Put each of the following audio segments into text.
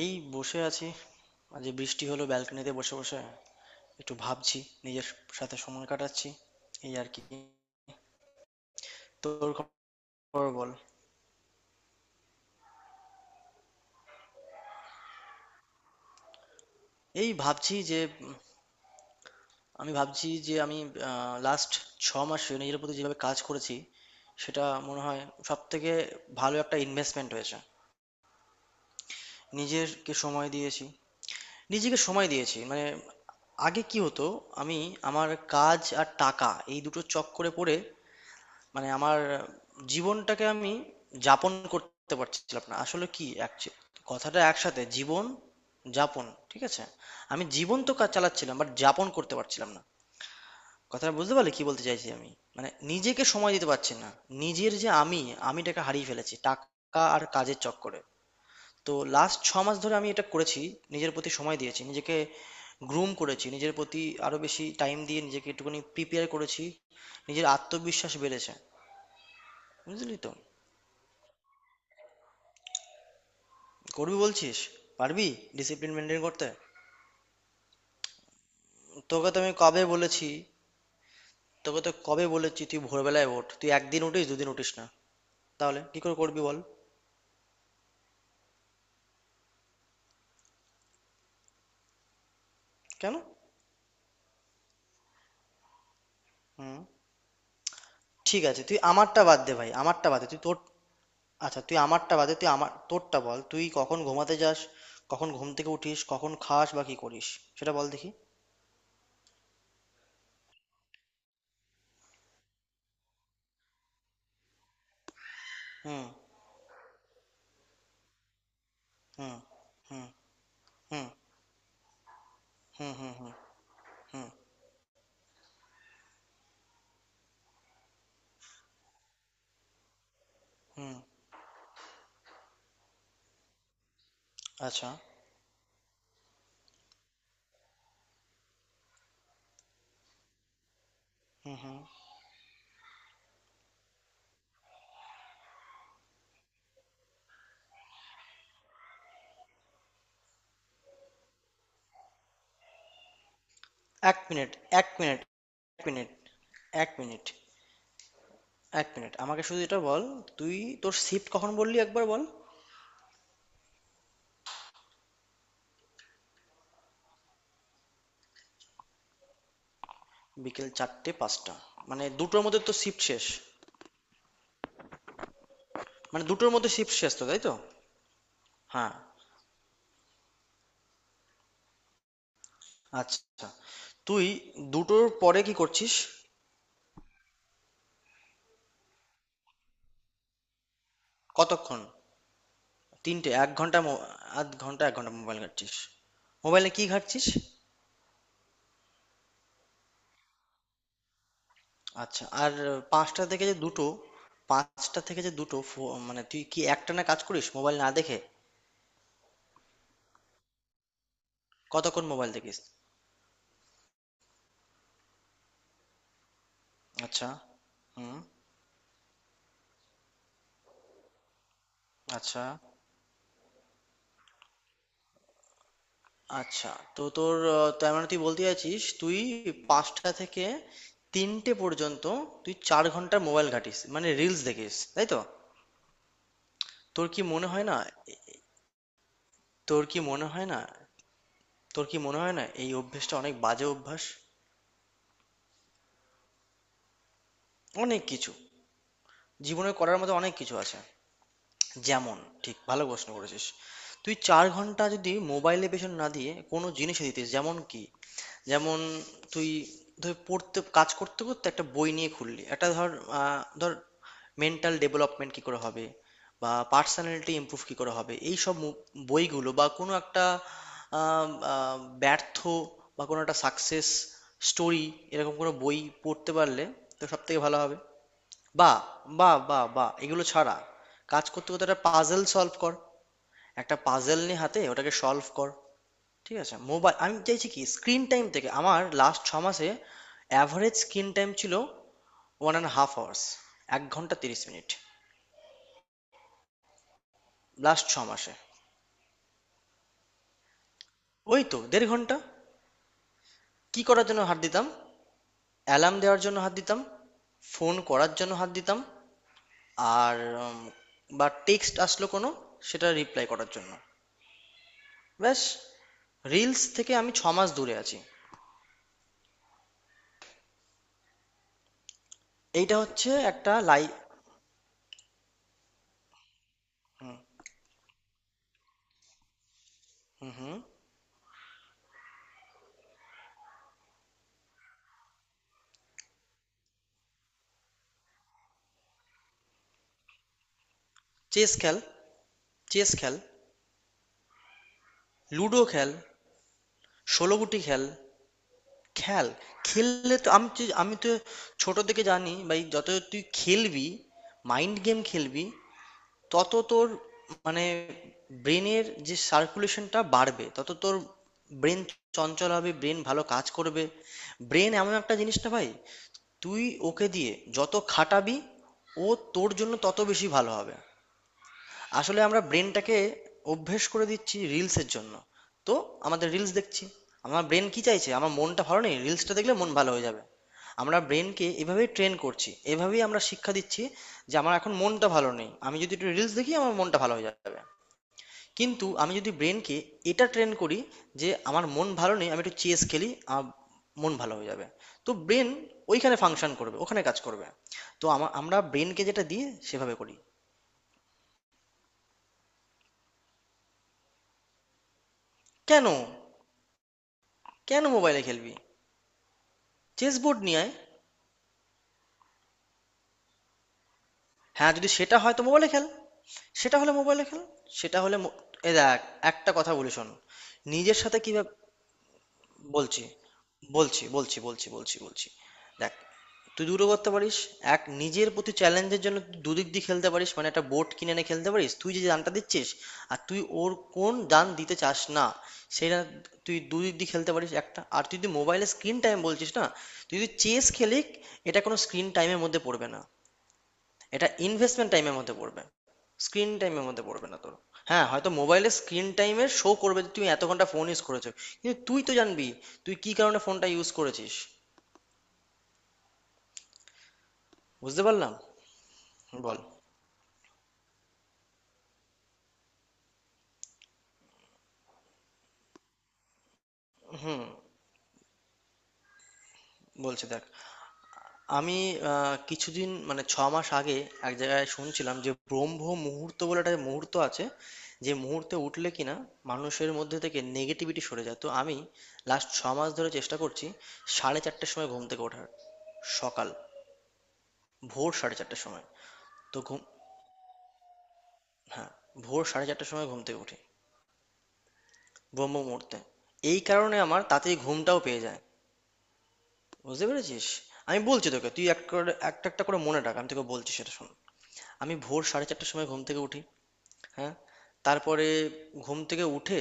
এই, বসে আছি। আজ এই বৃষ্টি হলো, ব্যালকনিতে বসে বসে একটু ভাবছি, নিজের সাথে সময় কাটাচ্ছি, এই আর কি। তোর খবর বল। এই ভাবছি যে আমি ভাবছি যে আমি লাস্ট 6 মাসে নিজের প্রতি যেভাবে কাজ করেছি, সেটা মনে হয় সব থেকে ভালো একটা ইনভেস্টমেন্ট হয়েছে। নিজেরকে সময় দিয়েছি, নিজেকে সময় দিয়েছি মানে, আগে কি হতো, আমি আমার কাজ আর টাকা এই দুটো চক্করে পড়ে মানে আমার জীবনটাকে আমি যাপন করতে পারছিলাম না। আসলে কি কথাটা একসাথে জীবন যাপন, ঠিক আছে। আমি জীবন তো কাজ চালাচ্ছিলাম বাট যাপন করতে পারছিলাম না। কথাটা বুঝতে পারলে কি বলতে চাইছি আমি, মানে নিজেকে সময় দিতে পারছি না। নিজের যে আমি, আমিটাকে হারিয়ে ফেলেছি টাকা আর কাজের চক্করে। তো লাস্ট 6 মাস ধরে আমি এটা করেছি, নিজের প্রতি সময় দিয়েছি, নিজেকে গ্রুম করেছি, নিজের প্রতি আরো বেশি টাইম দিয়ে নিজেকে একটুখানি প্রিপেয়ার করেছি। নিজের আত্মবিশ্বাস বেড়েছে। বুঝলি তো। করবি বলছিস? পারবি? ডিসিপ্লিন মেনটেন করতে? তোকে তো আমি কবে বলেছি, তোকে তো কবে বলেছি, তুই ভোরবেলায় ওঠ। তুই একদিন উঠিস দুদিন উঠিস না, তাহলে কি করে করবি বল। কেন? হুম। ঠিক আছে তুই আমারটা বাদ দে ভাই, আমারটা বাদ দে তুই তোর। আচ্ছা তুই আমারটা বাদে, তুই আমার, তোরটা বল। তুই কখন ঘুমাতে যাস, কখন ঘুম থেকে উঠিস, কখন খাস বা কি করিস, সেটা বল দেখি। হুম, হুম, হুম। হুম, হুম, হুম। হুম, হুম, হুম। আচ্ছা। হুম, হুম। এক মিনিট। এক মিনিট। এক মিনিট। এক মিনিট। এক মিনিট আমাকে শুধু এটা বল, তুই তোর শিফট কখন বললি একবার বল। বিকেল চারটে পাঁচটা। মানে দুটোর মধ্যে তো শিফট শেষ। মানে দুটোর মধ্যে শিফট শেষ তো তাই তো। হ্যাঁ। আচ্ছা, তুই দুটোর পরে কি করছিস? কতক্ষণ? তিনটে এক ঘন্টা মো- আধ ঘন্টা এক ঘন্টা মোবাইল ঘাঁটছিস? মোবাইলে কি ঘাঁটছিস? আচ্ছা আর, পাঁচটা থেকে যে দুটো, মানে তুই কি একটানা কাজ করিস মোবাইল না দেখে? কতক্ষণ মোবাইল দেখিস? আচ্ছা। হুম। আচ্ছা। আচ্ছা তো তোর তার মানে তুই বলতে চাইছিস, তুই পাঁচটা থেকে তিনটে পর্যন্ত তুই 4 ঘন্টা মোবাইল ঘাঁটিস মানে রিলস দেখিস তাই তো? তোর কি মনে হয় না? তোর কি মনে হয় না? তোর কি মনে হয় না এই অভ্যেসটা অনেক বাজে অভ্যাস? অনেক কিছু। জীবনে করার মতো অনেক কিছু আছে। যেমন, ঠিক ভালো প্রশ্ন করেছিস। তুই চার ঘন্টা যদি মোবাইলে পেছন না দিয়ে কোনো জিনিসে দিতিস, যেমন কি, যেমন তুই ধর, পড়তে কাজ করতে করতে একটা বই নিয়ে খুললি, একটা ধর, ধর মেন্টাল ডেভেলপমেন্ট কি করে হবে, বা পার্সোনালিটি ইমপ্রুভ কি করে হবে, এই সব বইগুলো, বা কোনো একটা ব্যর্থ বা কোনো একটা সাকসেস স্টোরি, এরকম কোনো বই পড়তে পারলে তো সব থেকে ভালো হবে। বা বা এগুলো ছাড়া কাজ করতে করতে একটা পাজেল সলভ কর, একটা পাজেল নিয়ে হাতে ওটাকে সলভ কর। ঠিক আছে? মোবাইল আমি চাইছি কি, স্ক্রিন টাইম থেকে, আমার লাস্ট 6 মাসে অ্যাভারেজ স্ক্রিন টাইম ছিল ওয়ান অ্যান্ড হাফ আওয়ার্স, 1 ঘন্টা 30 মিনিট। লাস্ট ছ মাসে ওই তো 1.5 ঘন্টা। কি করার জন্য হাত দিতাম? অ্যালার্ম দেওয়ার জন্য হাত দিতাম, ফোন করার জন্য হাত দিতাম, আর উম, বা টেক্সট আসলো কোনো সেটা রিপ্লাই করার জন্য। ব্যাস। রিলস থেকে আমি 6 মাস দূরে আছি। এইটা হচ্ছে একটা লাই। হুম, হুম। চেস খেল, চেস খেল, লুডো খেল, 16 গুটি খেল, খেল। খেললে তো আমি তো ছোট থেকে জানি ভাই, যত তুই খেলবি মাইন্ড গেম খেলবি, তত তোর মানে ব্রেনের যে সার্কুলেশনটা বাড়বে, তত তোর ব্রেন চঞ্চল হবে, ব্রেন ভালো কাজ করবে। ব্রেন এমন একটা জিনিস না ভাই, তুই ওকে দিয়ে যত খাটাবি, ও তোর জন্য তত বেশি ভালো হবে। আসলে আমরা ব্রেনটাকে অভ্যেস করে দিচ্ছি রিলসের জন্য। তো আমাদের রিলস দেখছি, আমার ব্রেন কি চাইছে, আমার মনটা ভালো নেই, রিলসটা দেখলে মন ভালো হয়ে যাবে। আমরা ব্রেনকে এভাবেই ট্রেন করছি, এভাবেই আমরা শিক্ষা দিচ্ছি যে আমার এখন মনটা ভালো নেই, আমি যদি একটু রিলস দেখি আমার মনটা ভালো হয়ে যাবে। কিন্তু আমি যদি ব্রেনকে এটা ট্রেন করি যে আমার মন ভালো নেই আমি একটু চেস খেলি আমার মন ভালো হয়ে যাবে, তো ব্রেন ওইখানে ফাংশন করবে, ওখানে কাজ করবে। তো আমরা ব্রেনকে যেটা দিয়ে সেভাবে করি। কেন? কেন মোবাইলে খেলবি? চেস বোর্ড নিয়ে আয়। হ্যাঁ যদি সেটা হয় তো মোবাইলে খেল। সেটা হলে মোবাইলে খেল। সেটা হলে মো- এ দেখ, একটা কথা বলি শোন। নিজের সাথে কিভাবে, বলছি, বলছি বলছি বলছি বলছি বলছি দেখ তুই দুটো করতে পারিস। এক, নিজের প্রতি চ্যালেঞ্জের জন্য তুই দুদিক দিয়ে খেলতে পারিস, মানে একটা বোর্ড কিনে এনে খেলতে পারিস তুই যে দানটা দিচ্ছিস আর তুই ওর কোন দান দিতে চাস না সেটা, তুই দুদিক দিয়ে খেলতে পারিস একটা। আর তুই যদি মোবাইলে স্ক্রিন টাইম বলছিস না, তুই যদি চেস খেলিস এটা কোনো স্ক্রিন টাইমের মধ্যে পড়বে না, এটা ইনভেস্টমেন্ট টাইমের মধ্যে পড়বে, স্ক্রিন টাইমের মধ্যে পড়বে না তোর। হ্যাঁ হয়তো মোবাইলে স্ক্রিন টাইমে শো করবে যে তুমি এত ঘন্টা ফোন ইউজ করেছো, কিন্তু তুই তো জানবি তুই কি কারণে ফোনটা ইউজ করেছিস। বুঝতে পারলাম, বল। হুম। বলছি দেখ, আমি কিছুদিন মানে 6 মাস আগে এক জায়গায় শুনছিলাম যে ব্রহ্ম মুহূর্ত বলে একটা মুহূর্ত আছে যে মুহূর্তে উঠলে কিনা মানুষের মধ্যে থেকে নেগেটিভিটি সরে যায়। তো আমি লাস্ট 6 মাস ধরে চেষ্টা করছি 4:30-এর সময় ঘুম থেকে ওঠার, সকাল, ভোর 4:30-এর সময়। তো ঘুম, হ্যাঁ ভোর 4:30-এর সময় ঘুম থেকে উঠি। ব্রহ্ম মুহূর্তে। এই কারণে আমার তাড়াতাড়ি ঘুমটাও পেয়ে যায়। বুঝতে পেরেছিস? আমি বলছি তোকে, তুই এক একটা একটা করে মনে রাখ, আমি তোকে বলছি সেটা শোন। আমি ভোর 4:30-এর সময় ঘুম থেকে উঠি। হ্যাঁ। তারপরে ঘুম থেকে উঠে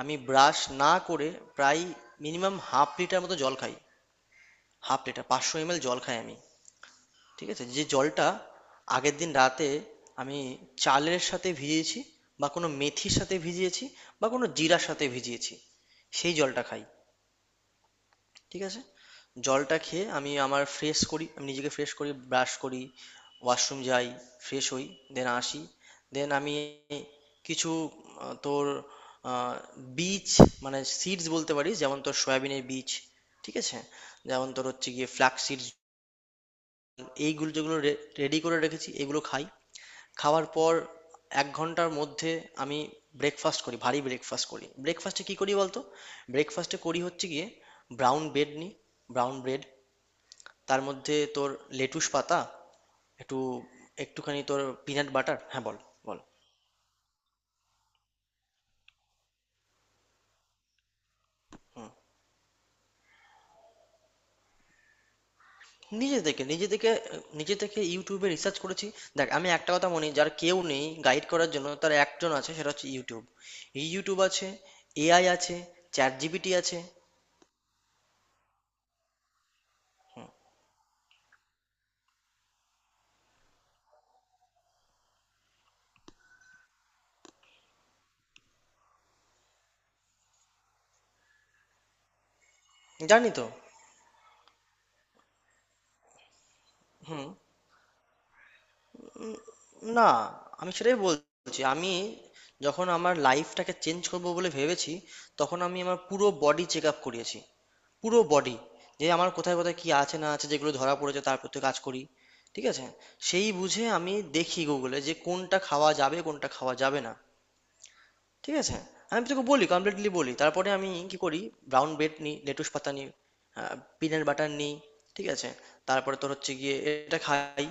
আমি ব্রাশ না করে প্রায় মিনিমাম 0.5 লিটার মতো জল খাই, 0.5 লিটার 500 ml জল খাই আমি। ঠিক আছে, যে জলটা আগের দিন রাতে আমি চালের সাথে ভিজিয়েছি, বা কোনো মেথির সাথে ভিজিয়েছি, বা কোনো জিরার সাথে ভিজিয়েছি, সেই জলটা খাই। ঠিক আছে। জলটা খেয়ে আমি আমার ফ্রেশ করি, আমি নিজেকে ফ্রেশ করি, ব্রাশ করি, ওয়াশরুম যাই, ফ্রেশ হই, দেন আসি। দেন আমি কিছু তোর আহ, বীজ মানে সিডস বলতে পারিস, যেমন তোর সয়াবিনের বীজ, ঠিক আছে, যেমন তোর হচ্ছে গিয়ে ফ্লাক্স সিডস, এইগুলো যেগুলো রেডি করে রেখেছি এগুলো খাই। খাওয়ার পর 1 ঘন্টার মধ্যে আমি ব্রেকফাস্ট করি, ভারী ব্রেকফাস্ট করি। ব্রেকফাস্টে কি করি বলতো? ব্রেকফাস্টে করি হচ্ছে গিয়ে ব্রাউন ব্রেড নিই, ব্রাউন ব্রেড, তার মধ্যে তোর লেটুস পাতা, একটু একটুখানি তোর পিনাট বাটার। হ্যাঁ বল। বল। নিজে থেকে, নিজে থেকে, নিজে থেকে ইউটিউবে রিসার্চ করেছি। দেখ আমি একটা কথা মনে, যার কেউ নেই গাইড করার জন্য তার একজন আছে সেটা হচ্ছে ইউটিউব। ইউটিউব আছে, এআই আছে, চ্যাট জিপিটি আছে। জানি তো। হুম। না আমি সেটাই বলছি, আমি যখন আমার লাইফটাকে চেঞ্জ করব বলে ভেবেছি তখন আমি আমার পুরো বডি চেক আপ করিয়েছি। পুরো বডি, যে আমার কোথায় কোথায় কি আছে না আছে, যেগুলো ধরা পড়েছে তার প্রতি কাজ করি। ঠিক আছে? সেই বুঝে আমি দেখি গুগলে যে কোনটা খাওয়া যাবে কোনটা খাওয়া যাবে না। ঠিক আছে। আমি তোকে বলি কমপ্লিটলি বলি তারপরে আমি কি করি। ব্রাউন ব্রেড নিই, লেটুস পাতা নিই, পিনাট বাটার নিই। ঠিক আছে। তারপরে তোর হচ্ছে গিয়ে, এটা খাই,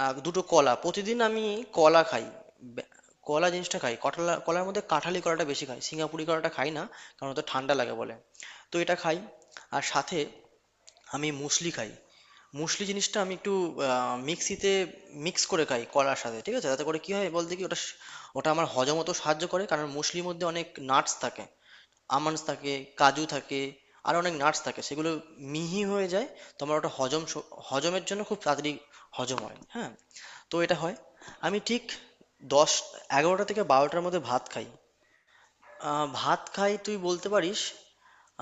আহ দুটো কলা প্রতিদিন আমি কলা খাই। বে- কলা জিনিসটা খাই, কটলা কলার মধ্যে কাঁঠালি কলাটা বেশি খাই, সিঙ্গাপুরি কলাটা খাই না কারণ ওটা ঠান্ডা লাগে বলে। তো এটা খাই, আর সাথে আমি মুসলি খাই। মুসলি জিনিসটা আমি একটু মিক্সিতে মিক্স করে খাই কলার সাথে। ঠিক আছে, তাতে করে কি হয় বলতে কি, ওটা ওটা আমার হজম হতে সাহায্য করে কারণ মুসলির মধ্যে অনেক নাটস থাকে, আমন্ডস থাকে, কাজু থাকে, আর অনেক নাটস থাকে, সেগুলো মিহি হয়ে যায় তোমার, ওটা হজম হজমের জন্য খুব তাড়াতাড়ি হজম হয়, হ্যাঁ। তো এটা হয়। আমি ঠিক দশ এগারোটা থেকে বারোটার মধ্যে ভাত খাই, ভাত খাই তুই বলতে পারিস,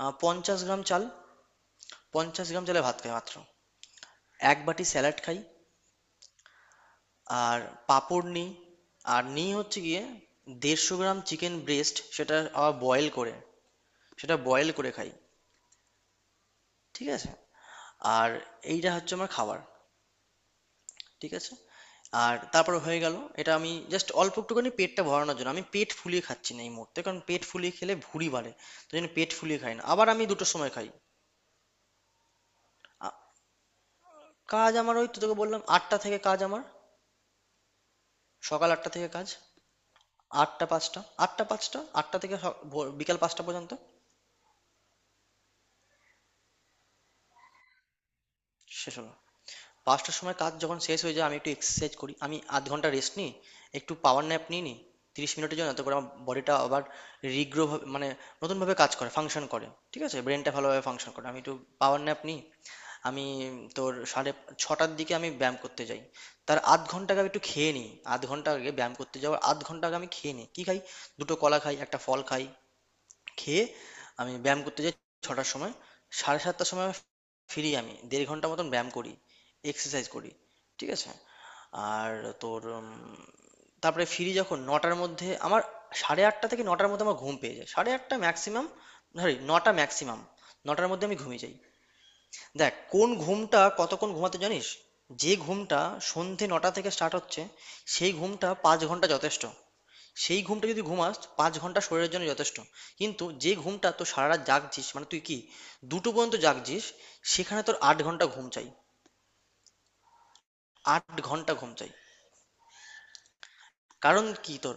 50 গ্রাম চাল, পঞ্চাশ গ্রাম চালে ভাত খাই মাত্র, এক বাটি স্যালাড খাই, আর পাঁপড় নিই, আর নিই হচ্ছে গিয়ে 150 গ্রাম চিকেন ব্রেস্ট, সেটা আবার বয়েল করে, সেটা বয়েল করে খাই। ঠিক আছে। আর এইটা হচ্ছে আমার খাবার। ঠিক আছে। আর তারপর হয়ে গেল, এটা আমি জাস্ট অল্প একটুখানি পেটটা ভরানোর জন্য, আমি পেট ফুলিয়ে খাচ্ছি না এই মুহূর্তে কারণ পেট ফুলিয়ে খেলে ভুঁড়ি বাড়ে। তো জন্য পেট ফুলিয়ে খাই না আবার আমি দুটোর সময় খাই। আ- কাজ আমার ওই তো তোকে বললাম আটটা থেকে, কাজ আমার সকাল আটটা থেকে কাজ, আটটা পাঁচটা, আটটা পাঁচটা, আটটা থেকে স- ভোর- বিকাল পাঁচটা পর্যন্ত। শেষ হলো। পাঁচটার সময় কাজ যখন শেষ হয়ে যায় আমি একটু এক্সারসাইজ করি, আমি 0.5 ঘন্টা রেস্ট নিই, একটু পাওয়ার ন্যাপ নিয়ে নিই 30 মিনিটের জন্য, তারপরে আমার বডিটা আবার রিগ্রো মানে নতুনভাবে কাজ করে, ফাংশন করে। ঠিক আছে ব্রেনটা ভালোভাবে ফাংশন করে, আমি একটু পাওয়ার ন্যাপ নিই। আমি তোর 6:30-এর দিকে আমি ব্যায়াম করতে যাই, তার 0.5 ঘন্টা আগে আমি একটু খেয়ে নিই, 0.5 ঘন্টা আগে, ব্যায়াম করতে যাওয়ার 0.5 ঘন্টা আগে আমি খেয়ে নিই কি খাই, দুটো কলা খাই, একটা ফল খাই, খেয়ে আমি ব্যায়াম করতে যাই ছটার সময়। 7:30-এর সময় আমি ফিরি, আমি 1.5 ঘন্টা মতন ব্যায়াম করি, এক্সারসাইজ করি। ঠিক আছে। আর তোর তারপরে ফিরি যখন নটার মধ্যে আমার, সাড়ে আটটা থেকে নটার মধ্যে আমার ঘুম পেয়ে যায়, সাড়ে আটটা ম্যাক্সিমাম, সরি নটা ম্যাক্সিমাম, নটার মধ্যে আমি ঘুমিয়ে যাই। দেখ কোন ঘুমটা কতক্ষণ ঘুমাতে জানিস, যে ঘুমটা সন্ধে নটা থেকে স্টার্ট হচ্ছে, সেই ঘুমটা 5 ঘন্টা যথেষ্ট, সেই ঘুমটা যদি ঘুমাস 5 ঘন্টা শরীরের জন্য যথেষ্ট। কিন্তু যে ঘুমটা তোর সারা রাত জাগছিস মানে তুই কি দুটো পর্যন্ত জাগছিস, সেখানে তোর 8 ঘন্টা ঘুম চাই, 8 ঘন্টা ঘুম চাই। কারণ কি তোর,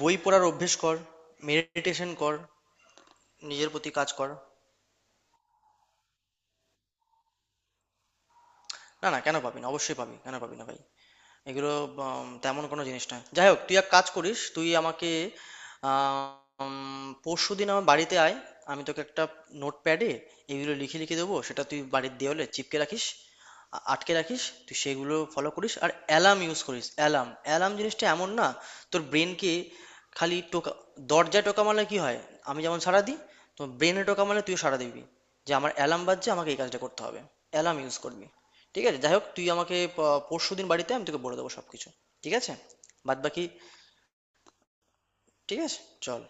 বই পড়ার অভ্যেস কর, মেডিটেশন কর, নিজের প্রতি কাজ কর। না না কেন পাবি না, অবশ্যই পাবি, কেন পাবি না ভাই, এগুলো তেমন কোনো জিনিস নয়। যাই হোক, তুই এক কাজ করিস, তুই আমাকে পরশু দিন আমার বাড়িতে আয়, আমি তোকে একটা নোটপ্যাডে এগুলো লিখে লিখে দেবো, সেটা তুই বাড়ির দেওয়ালে চিপকে রাখিস, আটকে রাখিস, তুই সেগুলো ফলো করিস আর অ্যালার্ম ইউজ করিস। অ্যালার্ম, অ্যালার্ম জিনিসটা এমন না, তোর ব্রেনকে খালি টোকা, দরজায় টোকা মারলে কি হয়, আমি যেমন সাড়া দিই, তো ব্রেনে টোকা মারলে তুইও সাড়া দিবি যে আমার অ্যালার্ম বাজছে আমাকে এই কাজটা করতে হবে। অ্যালার্ম ইউজ করবি। ঠিক আছে যাই হোক, তুই আমাকে পরশু দিন বাড়িতে আয়, আমি তোকে বলে দেবো সব কিছু। ঠিক আছে। বাদ বাকি ঠিক আছে। চল।